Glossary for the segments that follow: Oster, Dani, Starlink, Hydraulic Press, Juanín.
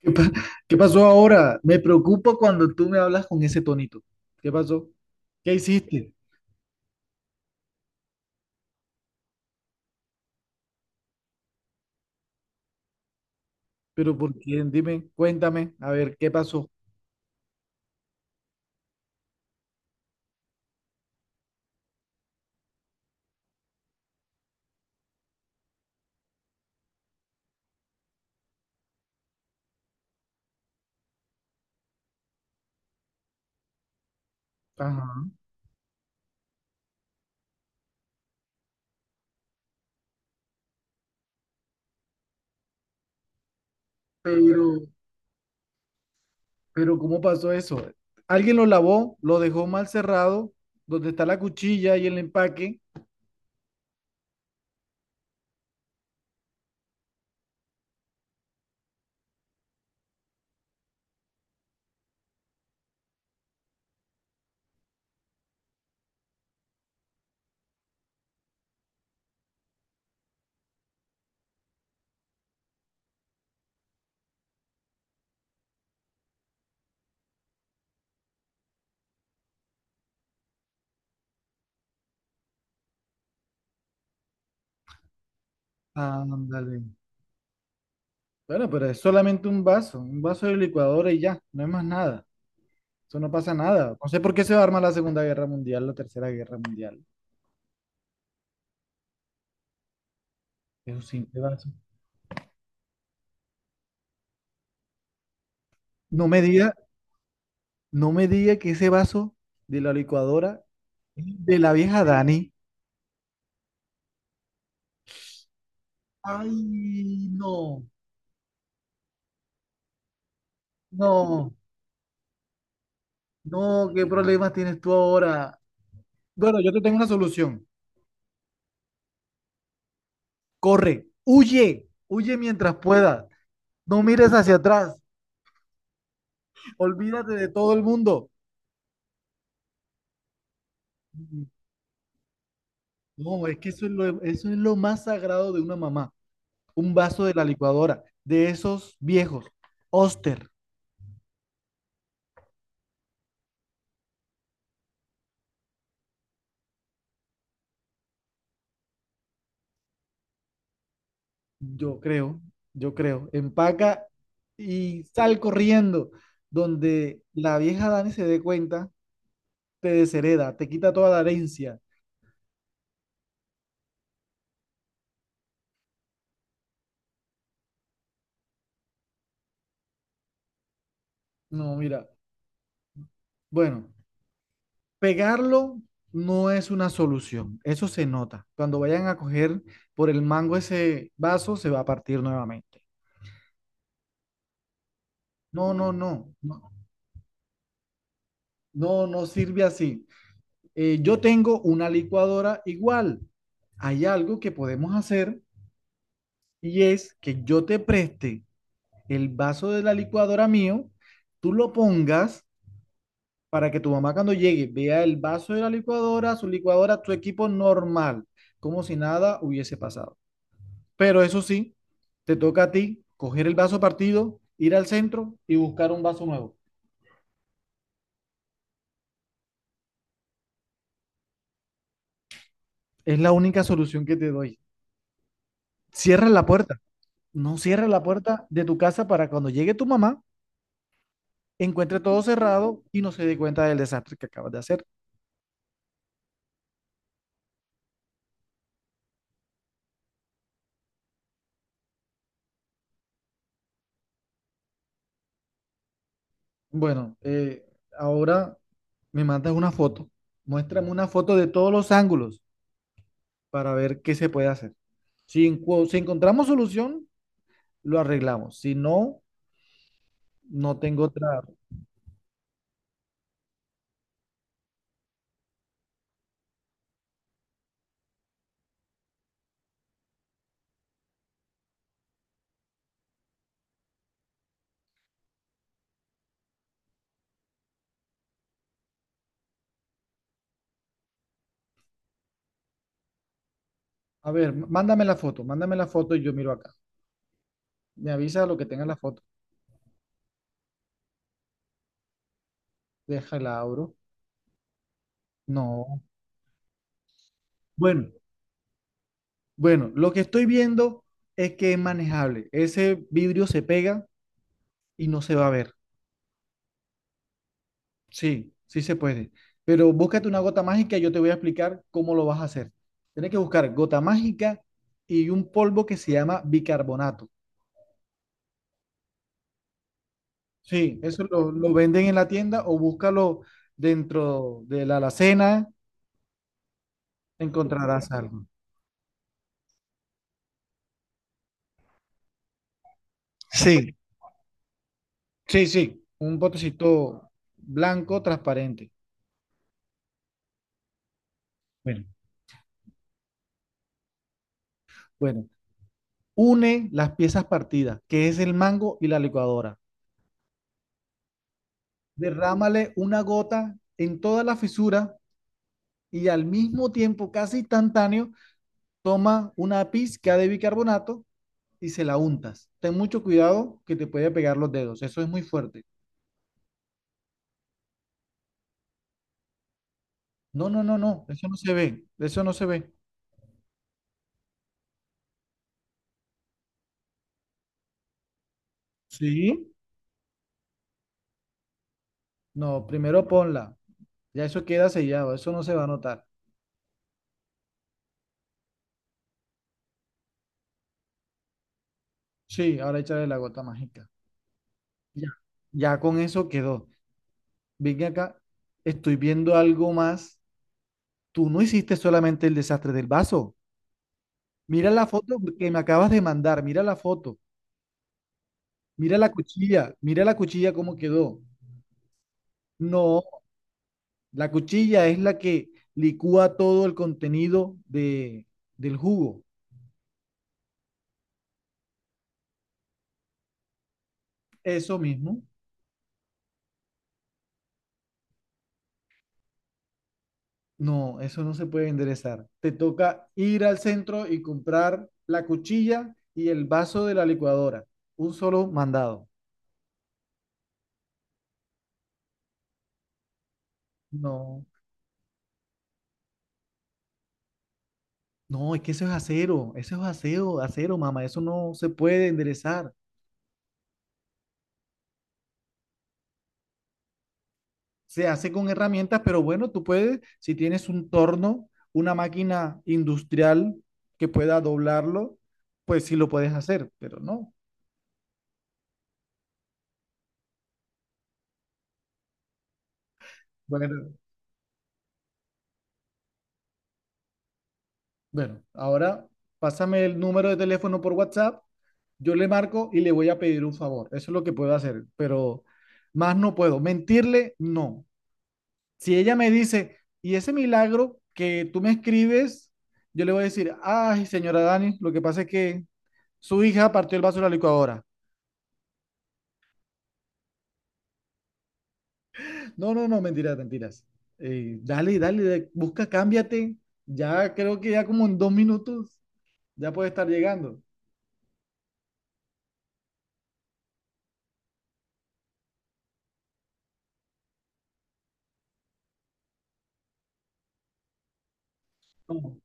¿Qué pa- ¿Qué pasó ahora? Me preocupa cuando tú me hablas con ese tonito. ¿Qué pasó? ¿Qué hiciste? ¿Pero por quién? Dime, cuéntame, a ver, ¿qué pasó? Ajá. Pero, pero ¿cómo pasó eso? Alguien lo lavó, lo dejó mal cerrado, donde está la cuchilla y el empaque. Ándale. Bueno, pero es solamente un vaso de licuadora y ya, no es más nada. Eso no pasa nada. No sé por qué se va a armar la Segunda Guerra Mundial, la Tercera Guerra Mundial. Es un simple vaso. No me digas, no me diga que ese vaso de la licuadora es de la vieja Dani. Ay, no, no, no, ¿qué problemas tienes tú ahora? Bueno, yo te tengo una solución. Corre, huye, huye mientras puedas. No mires hacia atrás. Olvídate de todo el mundo. No, es que eso es lo más sagrado de una mamá. Un vaso de la licuadora, de esos viejos. Oster. Yo creo, yo creo. Empaca y sal corriendo. Donde la vieja Dani se dé cuenta, te deshereda, te quita toda la herencia. No, mira. Bueno, pegarlo no es una solución. Eso se nota. Cuando vayan a coger por el mango ese vaso, se va a partir nuevamente. No, no, no. No, no, no sirve así. Yo tengo una licuadora igual. Hay algo que podemos hacer y es que yo te preste el vaso de la licuadora mío, tú lo pongas para que tu mamá cuando llegue vea el vaso de la licuadora, su licuadora, tu equipo normal, como si nada hubiese pasado. Pero eso sí, te toca a ti coger el vaso partido, ir al centro y buscar un vaso nuevo. Es la única solución que te doy. Cierra la puerta. No cierra la puerta de tu casa para cuando llegue tu mamá, encuentre todo cerrado y no se dé cuenta del desastre que acabas de hacer. Bueno, ahora me mandas una foto. Muéstrame una foto de todos los ángulos para ver qué se puede hacer. Si, si encontramos solución, lo arreglamos. Si no, no tengo otra. A ver, mándame la foto y yo miro acá. Me avisa lo que tenga la foto. Déjala, abro. No. Bueno, bueno, lo que estoy viendo es que es manejable. Ese vidrio se pega y no se va a ver. Sí, sí se puede. Pero búscate una gota mágica, y yo te voy a explicar cómo lo vas a hacer. Tienes que buscar gota mágica y un polvo que se llama bicarbonato. Sí, eso lo venden en la tienda o búscalo dentro de la alacena, encontrarás algo. Sí, sí, sí, un potecito blanco transparente. Bueno, bueno, une las piezas partidas, que es el mango y la licuadora. Derrámale una gota en toda la fisura y al mismo tiempo, casi instantáneo, toma una pizca de bicarbonato y se la untas. Ten mucho cuidado que te puede pegar los dedos, eso es muy fuerte. No, no, no, no, eso no se ve, eso no se ve. Sí. No, primero ponla, ya eso queda sellado, eso no se va a notar. Sí, ahora échale la gota mágica. Ya, ya con eso quedó. Ven acá, estoy viendo algo más. Tú no hiciste solamente el desastre del vaso. Mira la foto que me acabas de mandar, mira la foto. Mira la cuchilla cómo quedó. No, la cuchilla es la que licúa todo el contenido del jugo. Eso mismo. No, eso no se puede enderezar. Te toca ir al centro y comprar la cuchilla y el vaso de la licuadora. Un solo mandado. No, no, es que eso es acero, acero, mamá. Eso no se puede enderezar. Se hace con herramientas, pero bueno, tú puedes, si tienes un torno, una máquina industrial que pueda doblarlo, pues sí lo puedes hacer, pero no. Bueno, bueno, ahora pásame el número de teléfono por WhatsApp, yo le marco y le voy a pedir un favor. Eso es lo que puedo hacer, pero más no puedo. Mentirle, no. Si ella me dice, y ese milagro que tú me escribes, yo le voy a decir, ay, señora Dani, lo que pasa es que su hija partió el vaso de la licuadora. No, no, no, mentiras, mentiras. Dale, dale, busca, cámbiate. Ya creo que ya como en 2 minutos ya puede estar llegando. No,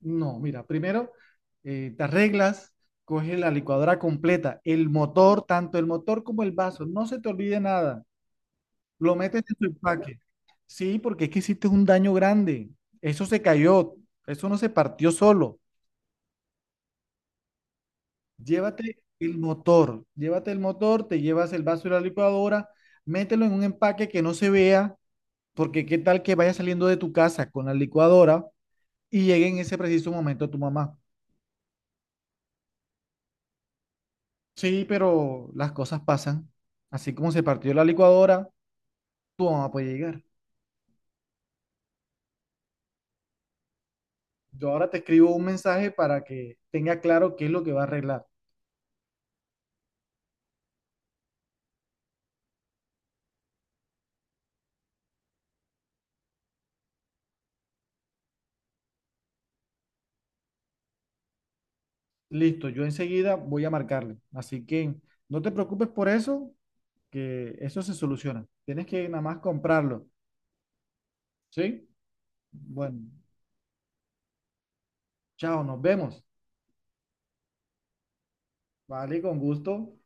no, mira, primero te arreglas, coges la licuadora completa, el motor, tanto el motor como el vaso, no se te olvide nada. Lo metes en tu empaque. Sí, porque es que hiciste un daño grande. Eso se cayó, eso no se partió solo. Llévate el motor, te llevas el vaso de la licuadora, mételo en un empaque que no se vea, porque qué tal que vaya saliendo de tu casa con la licuadora y llegue en ese preciso momento tu mamá. Sí, pero las cosas pasan. Así como se partió la licuadora, tu mamá puede llegar. Yo ahora te escribo un mensaje para que tenga claro qué es lo que va a arreglar. Listo, yo enseguida voy a marcarle. Así que no te preocupes por eso, que eso se soluciona. Tienes que nada más comprarlo, ¿sí? Bueno, chao, nos vemos. Vale, con gusto.